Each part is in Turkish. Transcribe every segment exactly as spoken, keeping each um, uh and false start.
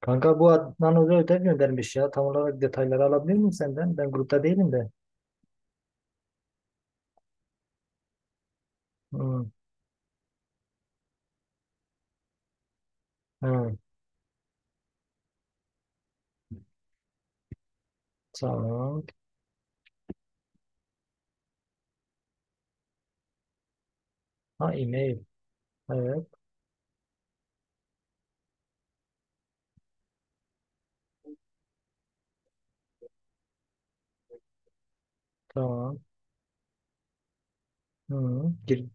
Kanka bu Adnan Hoca ödev göndermiş ya. Tam olarak detayları alabilir miyim senden? Ben grupta değilim de. Hı, hı, tamam. Ha e-mail. Evet tamam. Hı, gir,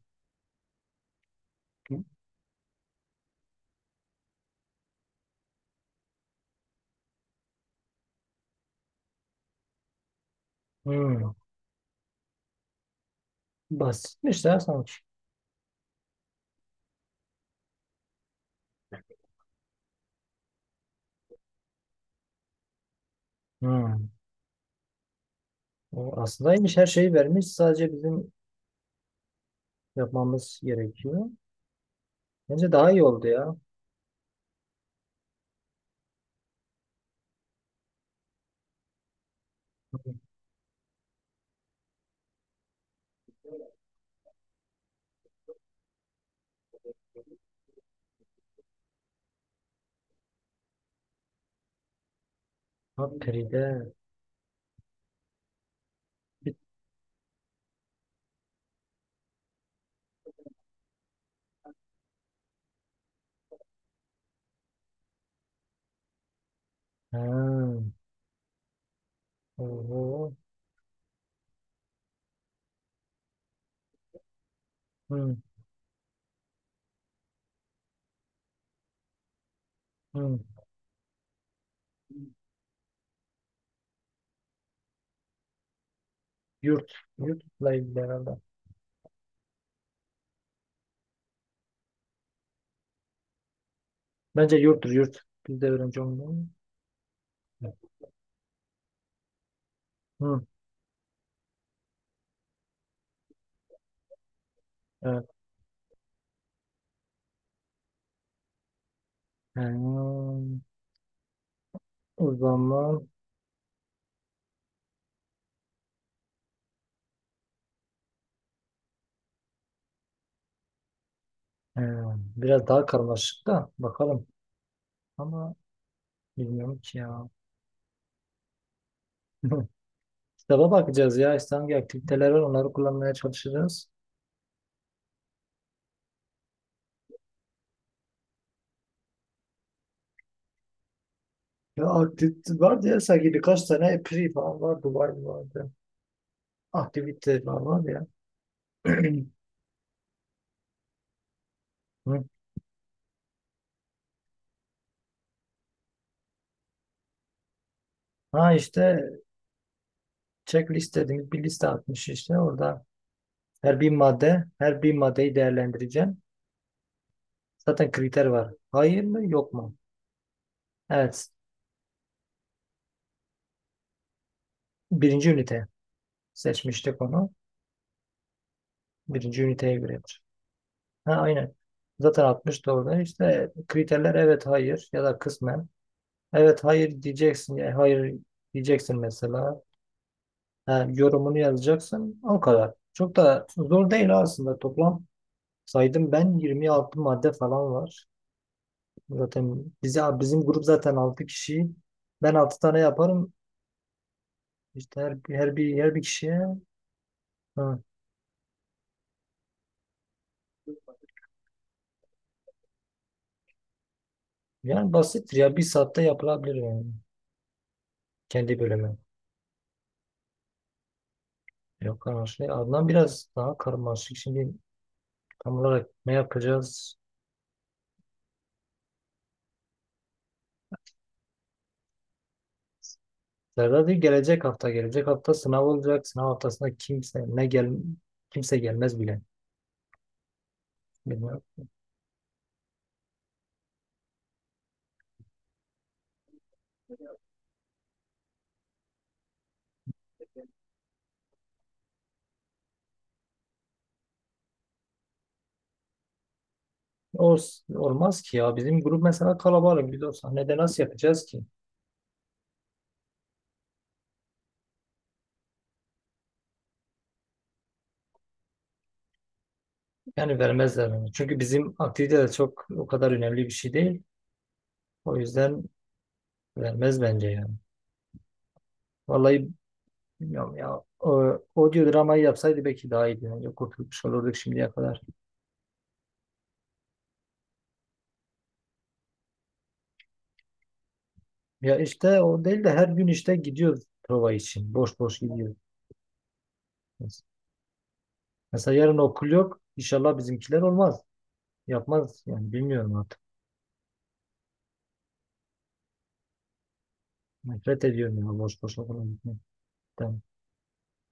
hı. Basitmiş ya sanki. Hı. O aslındaymış her şeyi vermiş. Sadece bizim yapmamız gerekiyor. Bence daha iyi oldu ya. Hı. Ha pride. Bir- Ha. Oho. Hı, hı. Yurt. Yurtla ilgili herhalde. Bence yurttur yurt. Biz de öğrenci olmalı. Hı. Evet. Hmm, O zaman hmm, biraz daha karmaşık da bakalım. Ama bilmiyorum ki ya. Kitaba bakacağız ya. İşte hangi aktiviteler var onları kullanmaya çalışacağız. Ya aktivite vardı ya sanki birkaç tane epri falan vardı. Var vardı. Aktiviteler var vardı ya. Hı. Ha işte checklist dediğimiz bir liste atmış işte. Orada her bir madde, her bir maddeyi değerlendireceğim. Zaten kriter var. Hayır mı yok mu? Evet. Birinci ünite. Seçmiştik onu. Birinci üniteye göredir. Ha, aynen. Zaten altmış doğru. İşte kriterler evet hayır ya da kısmen. Evet hayır diyeceksin. Yani hayır diyeceksin mesela. Ha, yorumunu yazacaksın. O kadar. Çok da zor değil aslında. Toplam saydım ben yirmi altı madde falan var. Zaten bize, bizim grup zaten altı kişi. Ben altı tane yaparım. İşte her, her bir her bir kişiye. Ha. Yani basittir ya. Bir saatte yapılabilir yani. Kendi bölümü. Yok anlaşılıyor. Adnan biraz daha karmaşık. Şimdi tam olarak ne yapacağız? Serdar değil gelecek hafta. Gelecek hafta sınav olacak. Sınav haftasında kimse ne gel kimse gelmez bile. Bilmiyorum. O s- olmaz ki ya. Bizim grup mesela kalabalık. Biz o sahnede nasıl yapacağız ki? Yani vermezler onu. Çünkü bizim aktivite de çok o kadar önemli bir şey değil. O yüzden vermez bence yani. Vallahi bilmiyorum ya. O, audio dramayı yapsaydı belki daha iyiydi. Yani kurtulmuş olurduk şimdiye kadar. Ya işte o değil de her gün işte gidiyoruz prova için. Boş boş gidiyoruz. Mesela yarın okul yok. İnşallah bizimkiler olmaz. Yapmaz yani bilmiyorum artık. Nefret ediyorum ya boş boş okula gitmekten.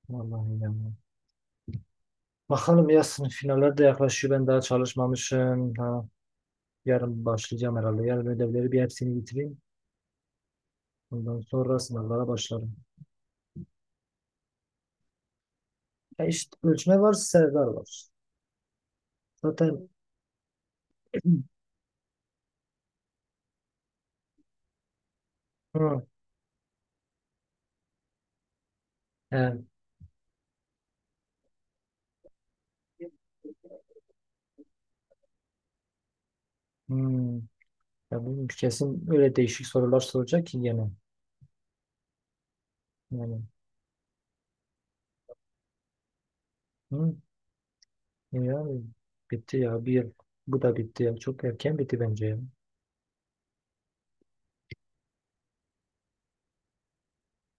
Vallahi yani. Bakalım ya sınıf finaller de yaklaşıyor. Ben daha çalışmamışım. Ha, yarın başlayacağım herhalde. Yarın ödevleri bir hepsini bitireyim. Ondan sonra sınavlara başlarım. Ya işte ölçme var, Serdar var. Zaten Hı, evet. Hmm. Ya bilmiyorum, kesin öyle değişik sorular soracak ki gene. Yani hı, ya bitti ya bir yıl. Bu da bitti ya. Çok erken bitti bence ya.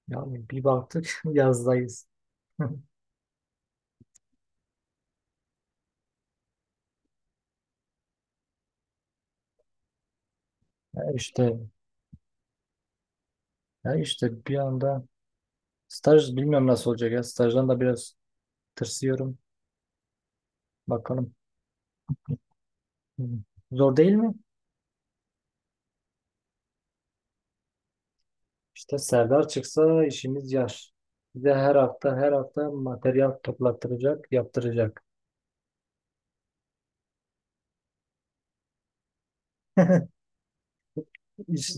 Yani bir baktık yazdayız. Ya işte ya işte bir anda staj bilmiyorum nasıl olacak ya. Stajdan da biraz tırsıyorum. Bakalım. Hı. Zor değil mi? İşte Serdar çıksa işimiz yar. Bize her hafta her hafta materyal toplattıracak, yaptıracak.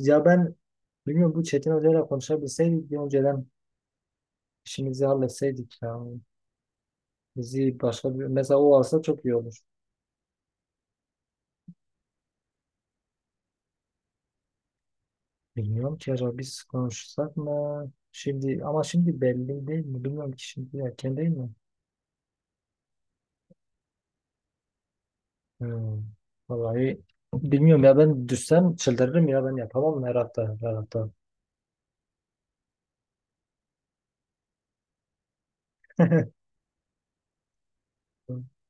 Ya ben bilmiyorum bu Çetin Hoca'yla konuşabilseydik bir önceden işimizi halletseydik ya. Bizi başka bir mesela o alsa çok iyi olur. Bilmiyorum ki acaba biz konuşsak mı? Şimdi ama şimdi belli değil mi? Bilmiyorum ki şimdi erken değil mi? Hmm. Vallahi bilmiyorum ya ben düşsem çıldırırım ya ben yapamam her hafta her hafta.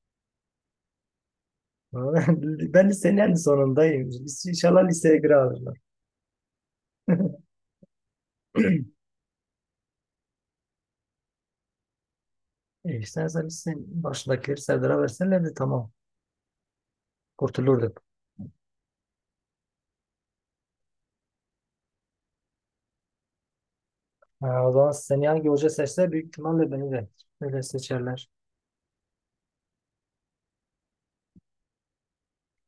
Ben lisenin en sonundayım. lise İnşallah liseye girer alırlar. E istersen biz sen başındakileri Serdar'a versenler de tamam. Kurtulurduk. Ha, o zaman seni hangi hoca seçse büyük ihtimalle beni de öyle seçerler.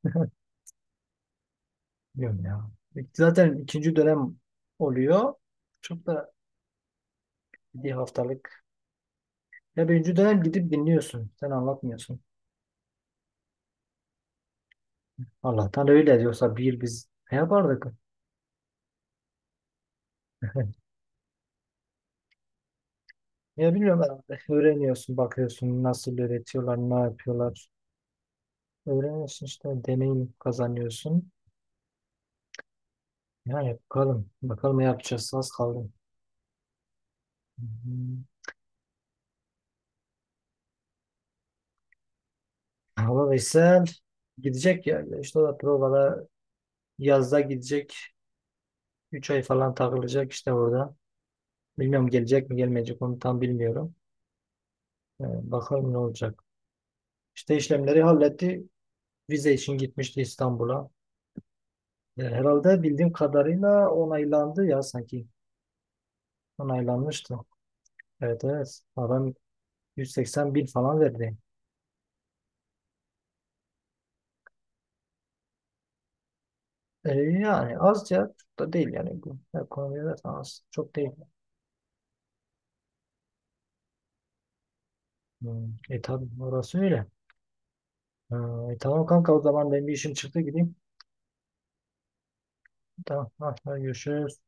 Bilmiyorum ya. Zaten ikinci dönem oluyor. Çok da bir haftalık. Ya birinci dönem gidip dinliyorsun. Sen anlatmıyorsun. Allah'tan öyle diyorsa bir yıl biz ne yapardık? Ya bilmiyorum herhalde. Öğreniyorsun, bakıyorsun nasıl öğretiyorlar, ne yapıyorlar. Öğreniyorsun işte deneyim kazanıyorsun. Ya yapalım. Bakalım ne yapacağız. Az kaldı. Hı hı. Ama Veysel gidecek ya. İşte o da provada yazda gidecek. Üç ay falan takılacak işte orada. Bilmiyorum gelecek mi gelmeyecek onu tam bilmiyorum. Ee, bakalım ne olacak. İşte işlemleri halletti. Vize için gitmişti İstanbul'a. Ee, herhalde bildiğim kadarıyla onaylandı ya sanki. Onaylanmıştı. Evet evet. Adam 180 bin falan verdi. Ee, yani az ya. Çok da değil yani. Bu ekonomide az. Çok değil. Hmm. E tabii orası öyle. Ha, tamam kanka o zaman benim bir işim çıktı gideyim. Tamam ha, hadi görüşürüz.